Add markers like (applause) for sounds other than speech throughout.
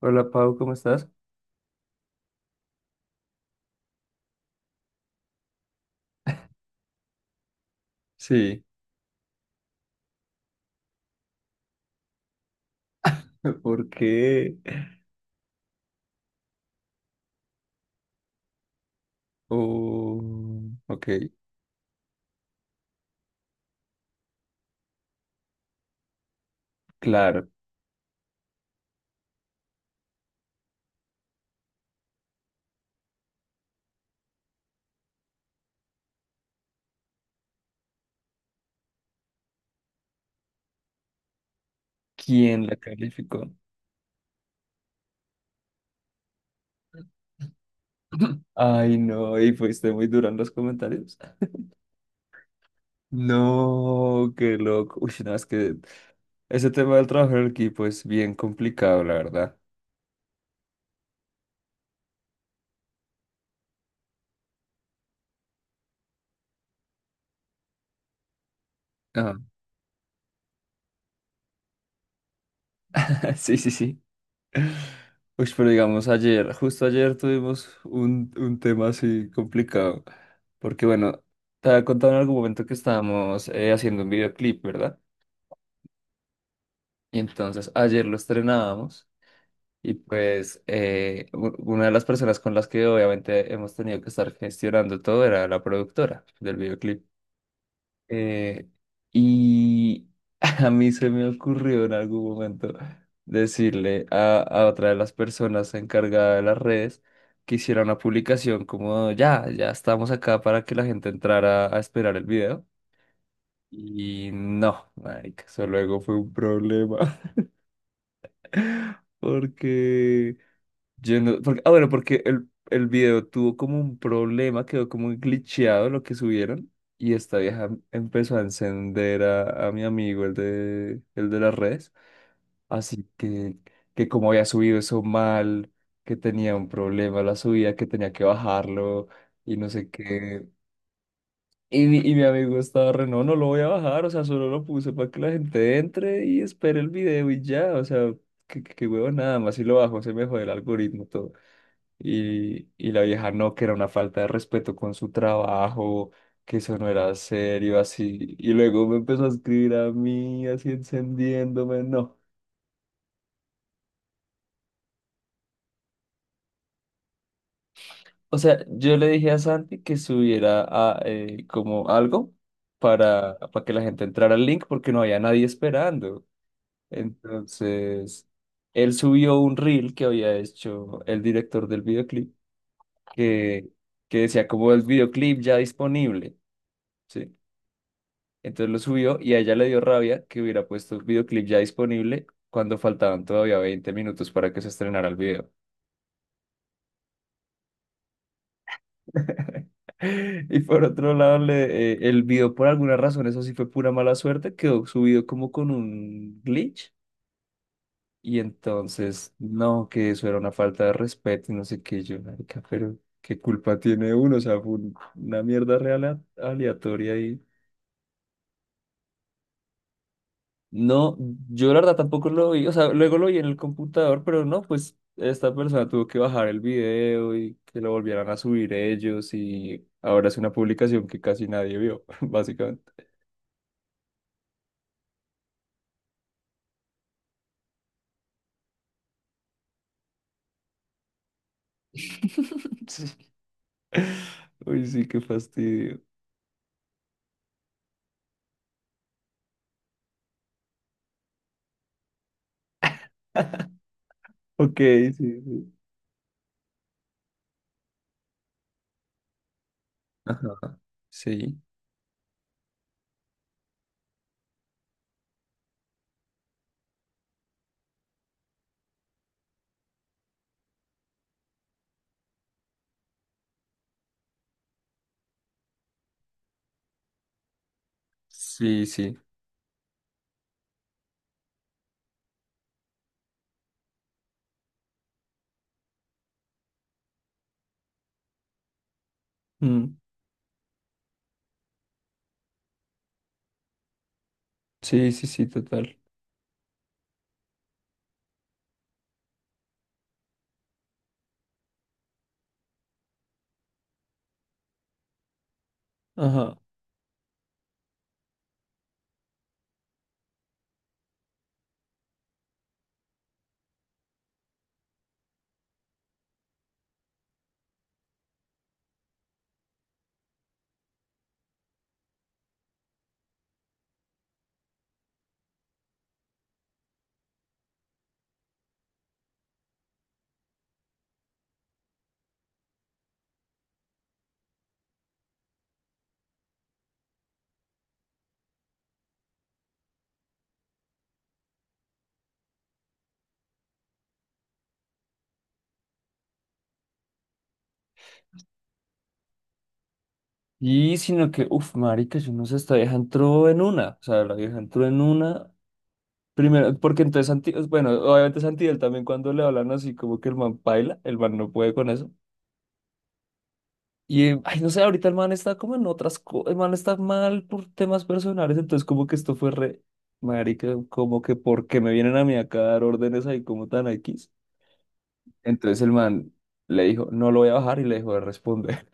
Hola Pau, ¿cómo estás? Sí, (laughs) ¿por qué? Oh, ok, claro. ¿Quién la calificó? (clears throat) Ay, no, y fuiste muy duro en los comentarios. No, qué loco. Uy, no, es que ese tema del trabajo en equipo es bien complicado, la verdad. Ah, (laughs) sí, sí, sí. Uy, pero digamos ayer, justo ayer tuvimos un tema así complicado, porque bueno, te había contado en algún momento que estábamos haciendo un videoclip, ¿verdad? Y entonces ayer lo estrenábamos y pues una de las personas con las que obviamente hemos tenido que estar gestionando todo era la productora del videoclip. Eh, y (laughs) a mí se me ocurrió en algún momento decirle a otra de las personas encargada de las redes que hiciera una publicación como ya, ya estamos acá para que la gente entrara a esperar el video. Y no, marica, eso luego fue un problema (laughs) porque yo no- porque- ah, bueno, porque el video tuvo como un problema, quedó como glitcheado lo que subieron. Y esta vieja empezó a encender a mi amigo, el de las redes. Así que como había subido eso mal, que tenía un problema la subida, que tenía que bajarlo y no sé qué. Y y mi amigo estaba re, no, no lo voy a bajar, o sea, solo lo puse para que la gente entre y espere el video y ya, o sea, que huevo nada más, si lo bajo se me jode el algoritmo, todo. Y la vieja no, que era una falta de respeto con su trabajo, que eso no era serio, así. Y luego me empezó a escribir a mí, así encendiéndome, no. O sea, yo le dije a Santi que subiera a, como algo para que la gente entrara al link porque no había nadie esperando. Entonces, él subió un reel que había hecho el director del videoclip que, que decía como el videoclip ya disponible. ¿Sí? Entonces lo subió y a ella le dio rabia que hubiera puesto el videoclip ya disponible cuando faltaban todavía 20 minutos para que se estrenara el video. (laughs) Y por otro lado, el video por alguna razón, eso sí fue pura mala suerte, quedó subido como con un glitch. Y entonces, no, que eso era una falta de respeto y no sé qué, yo, marica, pero ¿qué culpa tiene uno? O sea, fue una mierda real aleatoria. No, yo la verdad tampoco lo vi, o sea, luego lo vi en el computador, pero no, pues esta persona tuvo que bajar el video y que lo volvieran a subir ellos y ahora es una publicación que casi nadie vio, (laughs) básicamente. (laughs) Sí. Uy, sí, qué fastidio. (laughs) Ok, sí, sí. Ajá. Sí, sí, sí. Mm. Sí, sí, sí, total. Ajá. Y sino que, uff, marica, yo no sé, esta vieja entró en una. O sea, la vieja entró en una. Primero, porque entonces, Santi- bueno, obviamente Santiel también cuando le hablan así como que el man baila, el man no puede con eso. Y, ay, no sé, ahorita el man está como en otras cosas, el man está mal por temas personales, entonces como que esto fue re, marica, como que porque me vienen a mí acá a dar órdenes ahí como tan X. Entonces el man le dijo, no lo voy a bajar y le dejó de responder.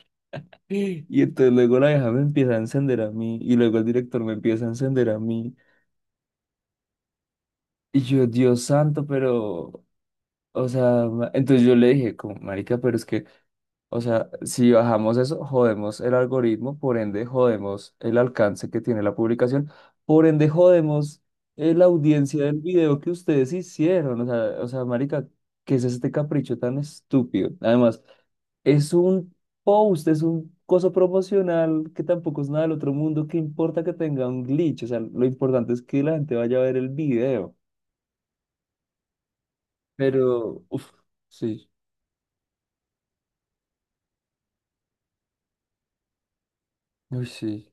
(laughs) Y entonces luego la vieja me empieza a encender a mí y luego el director me empieza a encender a mí. Y yo, Dios santo, pero... O sea, entonces yo le dije, como, marica, pero es que, o sea, si bajamos eso, jodemos el algoritmo, por ende jodemos el alcance que tiene la publicación, por ende jodemos la audiencia del video que ustedes hicieron. O sea, marica, ¿qué es este capricho tan estúpido? Además, es un post, es un coso promocional que tampoco es nada del otro mundo, ¿qué importa que tenga un glitch? O sea, lo importante es que la gente vaya a ver el video. Pero, uff, sí, uy, sí.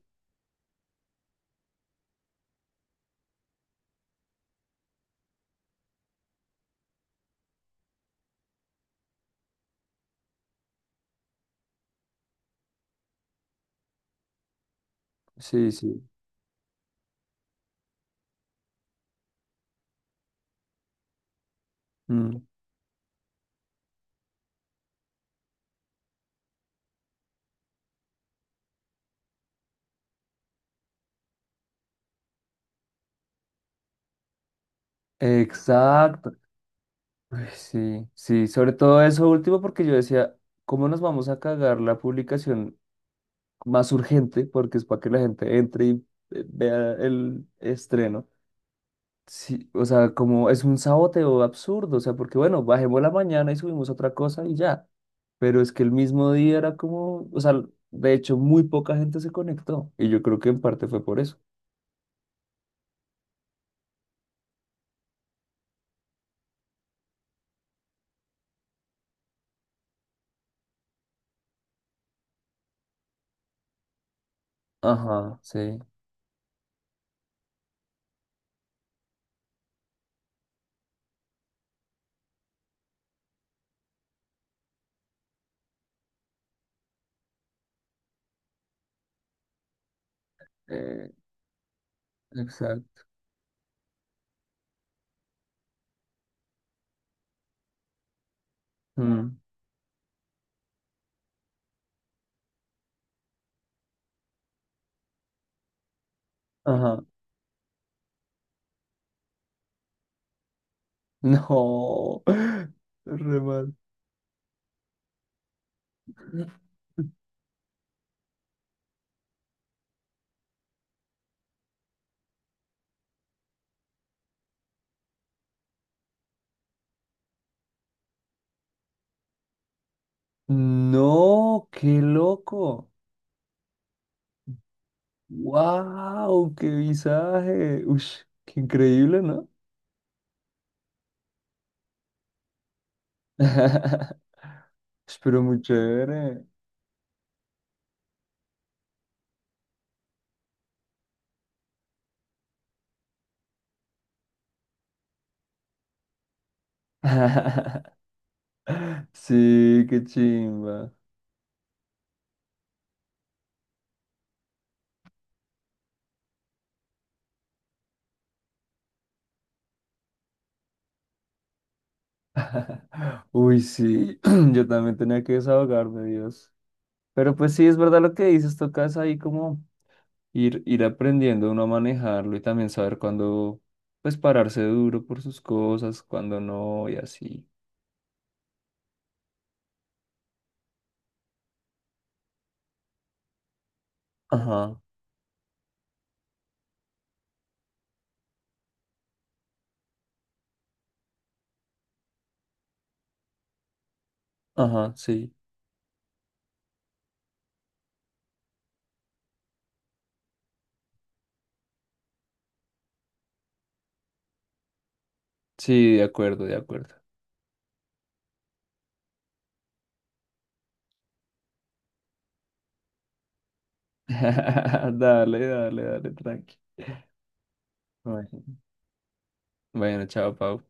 Sí, sí. Mm. Exacto. Ay, sí, sí, sobre todo eso último porque yo decía, ¿cómo nos vamos a cagar la publicación más urgente? Porque es para que la gente entre y vea el estreno. Sí, o sea, como es un saboteo absurdo, o sea, porque bueno, bajemos la mañana y subimos otra cosa y ya. Pero es que el mismo día era como, o sea, de hecho muy poca gente se conectó y yo creo que en parte fue por eso. Ajá, sí. Eh, exacto. Mm. Ajá. No, (laughs) re mal. No, qué loco. Wow, qué visaje. Uy, qué increíble, ¿no? (laughs) Espero muy chévere. (laughs) Sí, qué chimba. (laughs) Uy, sí, (clears throat) yo también tenía que desahogarme, Dios. Pero pues sí, es verdad lo que dices, tocas ahí como ir aprendiendo uno a manejarlo y también saber cuándo, pues, pararse duro por sus cosas, cuándo no y así. Ajá, ajá, sí, sí, de acuerdo, de acuerdo. (laughs) Dale, dale, dale, tranqui. Bueno, bueno, chao, Pau.